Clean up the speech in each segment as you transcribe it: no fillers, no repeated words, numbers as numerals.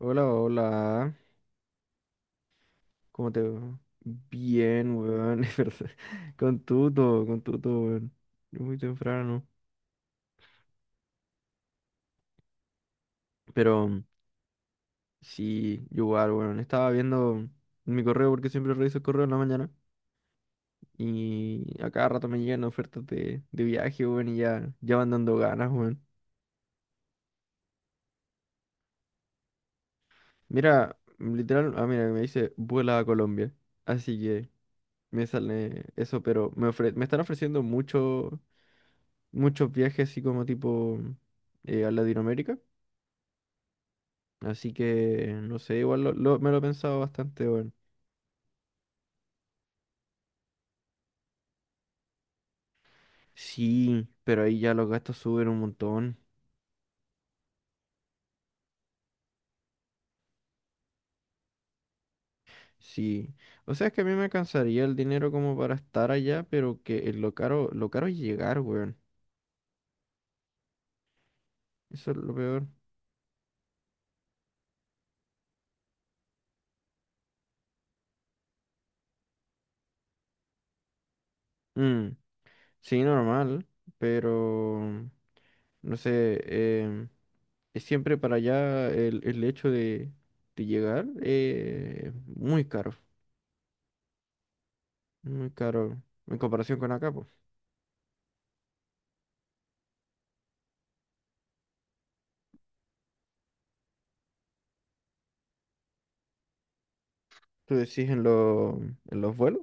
Hola, hola. ¿Cómo te va? Bien, weón. Es verdad. Con tuto, weón. Muy temprano. Pero sí, yo igual, weón. Estaba viendo mi correo porque siempre reviso el correo en la mañana. Y a cada rato me llegan ofertas de viaje, weón. Y ya, ya van dando ganas, weón. Mira, literal, ah, mira, me dice vuela a Colombia. Así que me sale eso, pero me están ofreciendo mucho, muchos viajes así como tipo a Latinoamérica. Así que, no sé, igual me lo he pensado bastante, bueno. Sí, pero ahí ya los gastos suben un montón. Sí. O sea, es que a mí me alcanzaría el dinero como para estar allá, pero que lo caro es llegar, weón. Eso es lo peor. Mm, sí, normal, pero no sé, es siempre para allá el hecho de llegar muy caro. Muy caro en comparación con acá, pues. ¿Tú decís en, en los vuelos?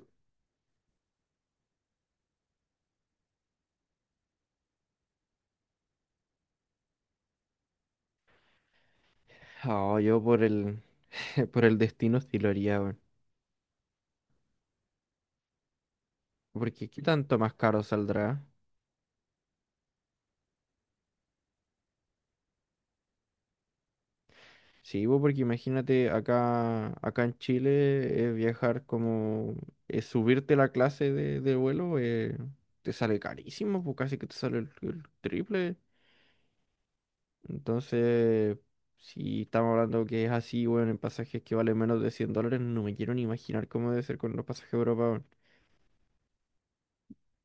Ah, yo por el por el destino sí lo haría, weón. Porque ¿qué tanto más caro saldrá? Sí, bo, porque imagínate acá, acá en Chile viajar como subirte la clase de vuelo te sale carísimo, pues casi que te sale el triple. Entonces, si estamos hablando que es así, bueno, en pasajes que valen menos de $100, no me quiero ni imaginar cómo debe ser con los pasajes a Europa.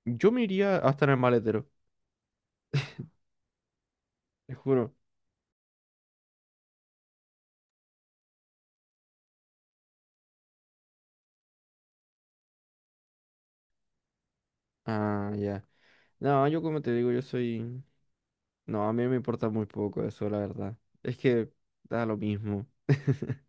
Yo me iría hasta en el maletero, te juro. Ah, ya. No, yo como te digo, yo soy... No, a mí me importa muy poco eso, la verdad. Es que da lo mismo.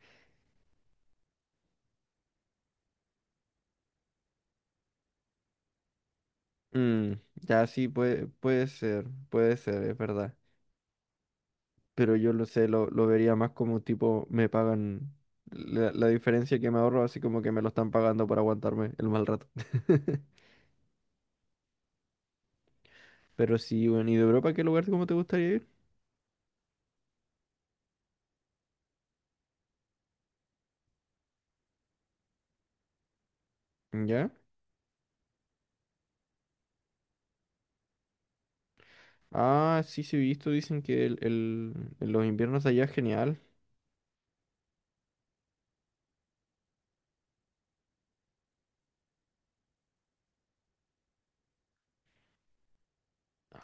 Mm, ya sí, puede, puede ser, es verdad. Pero yo lo sé, lo vería más como tipo, me pagan la diferencia que me ahorro, así como que me lo están pagando para aguantarme el mal rato. Pero sí, bueno, ¿y de Europa qué lugar como te gustaría ir? ¿Ya? Ah, sí, sí, he visto, dicen que en los inviernos de allá es genial.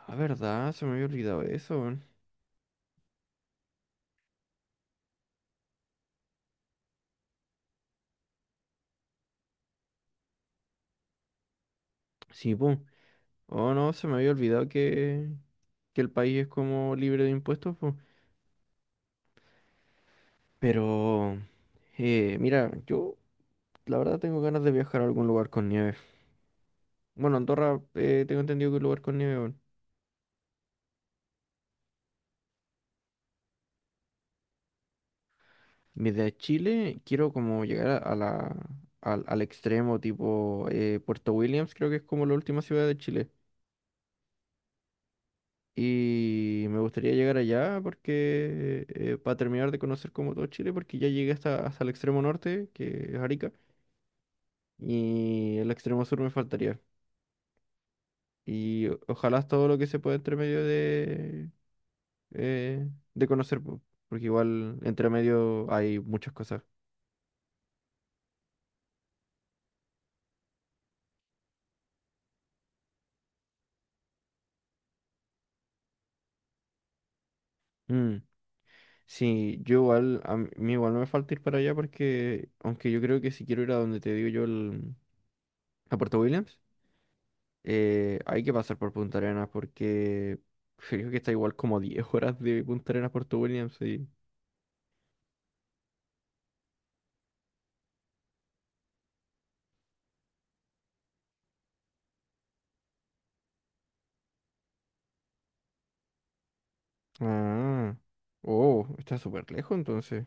Ah, verdad, se me había olvidado eso, weón. Sí, pum. Oh, no, se me había olvidado que el país es como libre de impuestos, po. Pero, mira, yo la verdad tengo ganas de viajar a algún lugar con nieve. Bueno, Andorra, tengo entendido que es un lugar con nieve, weón. Desde Chile quiero como llegar al extremo, tipo Puerto Williams, creo que es como la última ciudad de Chile. Y me gustaría llegar allá porque para terminar de conocer como todo Chile, porque ya llegué hasta el extremo norte, que es Arica, y el extremo sur me faltaría. Y ojalá es todo lo que se pueda entre medio eh, de conocer, po, porque igual entre medio hay muchas cosas. Mm, sí, yo igual, a mí igual no me falta ir para allá porque, aunque yo creo que si quiero ir a donde te digo yo, a Puerto Williams, hay que pasar por Punta Arenas porque creo que está igual como 10 horas de Punta Arenas a Puerto Williams. Sí. Ah, oh, está súper lejos entonces.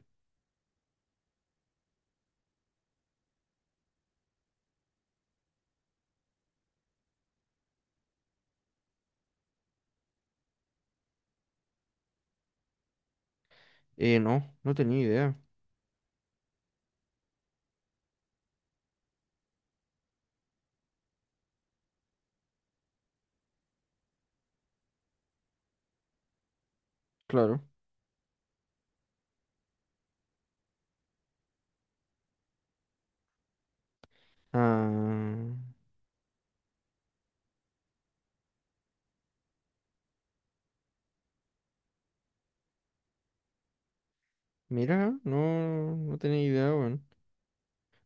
No, no tenía idea. Claro. Ah, mira, no, no tenía idea, weón.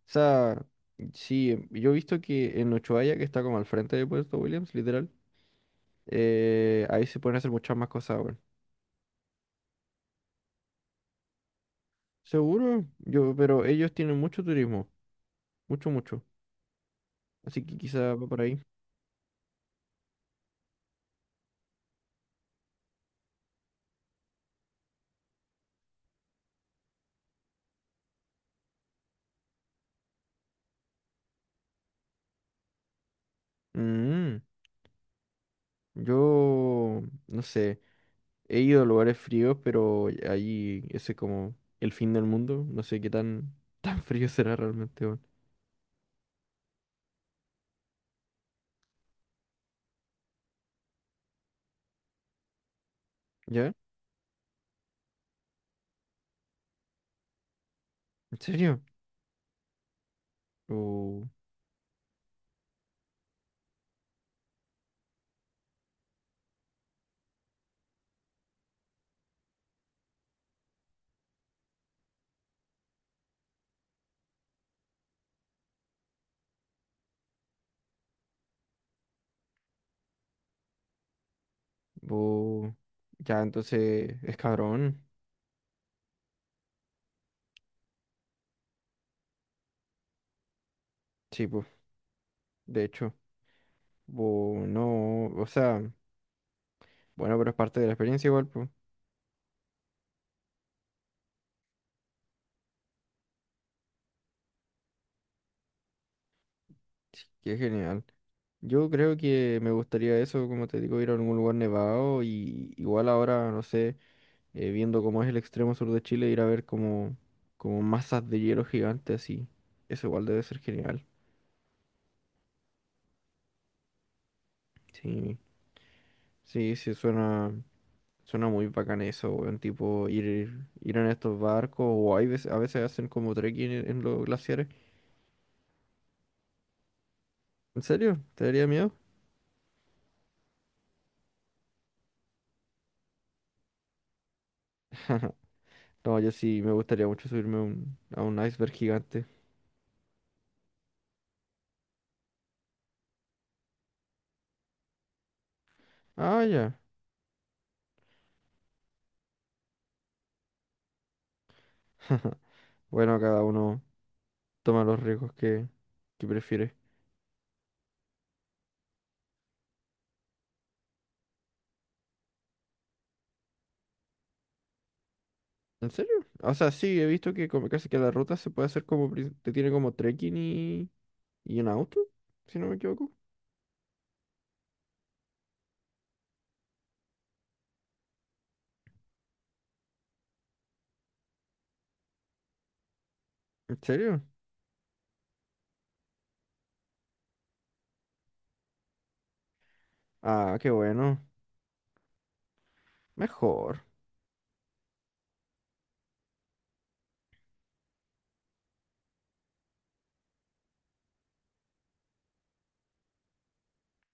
O sea, sí, yo he visto que en Ushuaia, que está como al frente de Puerto Williams, literal, ahí se pueden hacer muchas más cosas, weón. Seguro, yo, pero ellos tienen mucho turismo, mucho, mucho. Así que quizá va por ahí. Mm, yo, no sé, he ido a lugares fríos, pero ahí ese es como el fin del mundo. No sé qué tan, tan frío será realmente, weón. ¿Ya? ¿En serio? Uh, uh, ya, entonces es cabrón. Sí, pues, de hecho. No, o sea, bueno, pero es parte de la experiencia igual, pues. Sí, qué genial. Yo creo que me gustaría eso, como te digo, ir a algún lugar nevado y igual ahora, no sé. Viendo cómo es el extremo sur de Chile, ir a ver como, como masas de hielo gigantes así. Eso igual debe ser genial. Sí, sí, sí, suena, suena muy bacán eso, weón. Tipo ir, ir en estos barcos o hay veces, a veces hacen como trekking en los glaciares. ¿En serio? ¿Te daría miedo? No, yo sí me gustaría mucho subirme a a un iceberg gigante. Ah, ya. Bueno, cada uno toma los riesgos que prefiere. ¿En serio? O sea, sí, he visto que como casi que la ruta se puede hacer como, te tiene como trekking y en auto, si no me equivoco. ¿En serio? Ah, qué bueno. Mejor.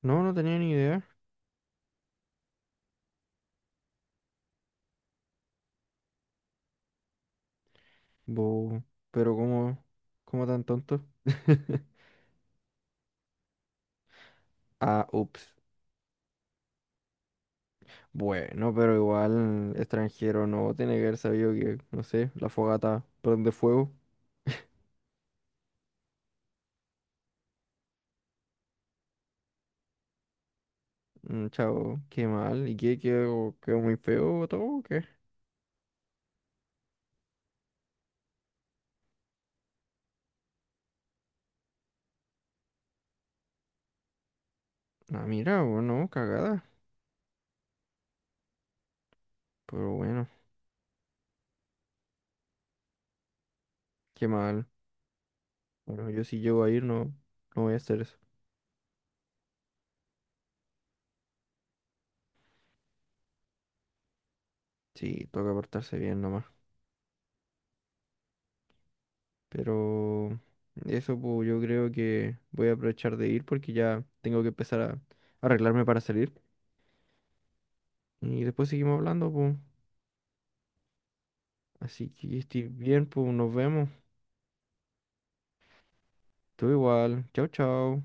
No, no tenía ni idea. Bo, pero como, como tan tonto. Ah, ups. Bueno, pero igual extranjero no tiene que haber sabido que, no sé, la fogata prende fuego. Mm, chao, qué mal. ¿Y qué quedó, quedó muy feo todo o qué? Ah, mira, bueno, cagada. Pero bueno, qué mal. Bueno, yo si llego a ir no, no voy a hacer eso. Sí, toca portarse bien nomás. Pero eso pues yo creo que voy a aprovechar de ir porque ya tengo que empezar a arreglarme para salir. Y después seguimos hablando, pues. Así que estoy bien, pues nos vemos. Tú igual. Chao, chao.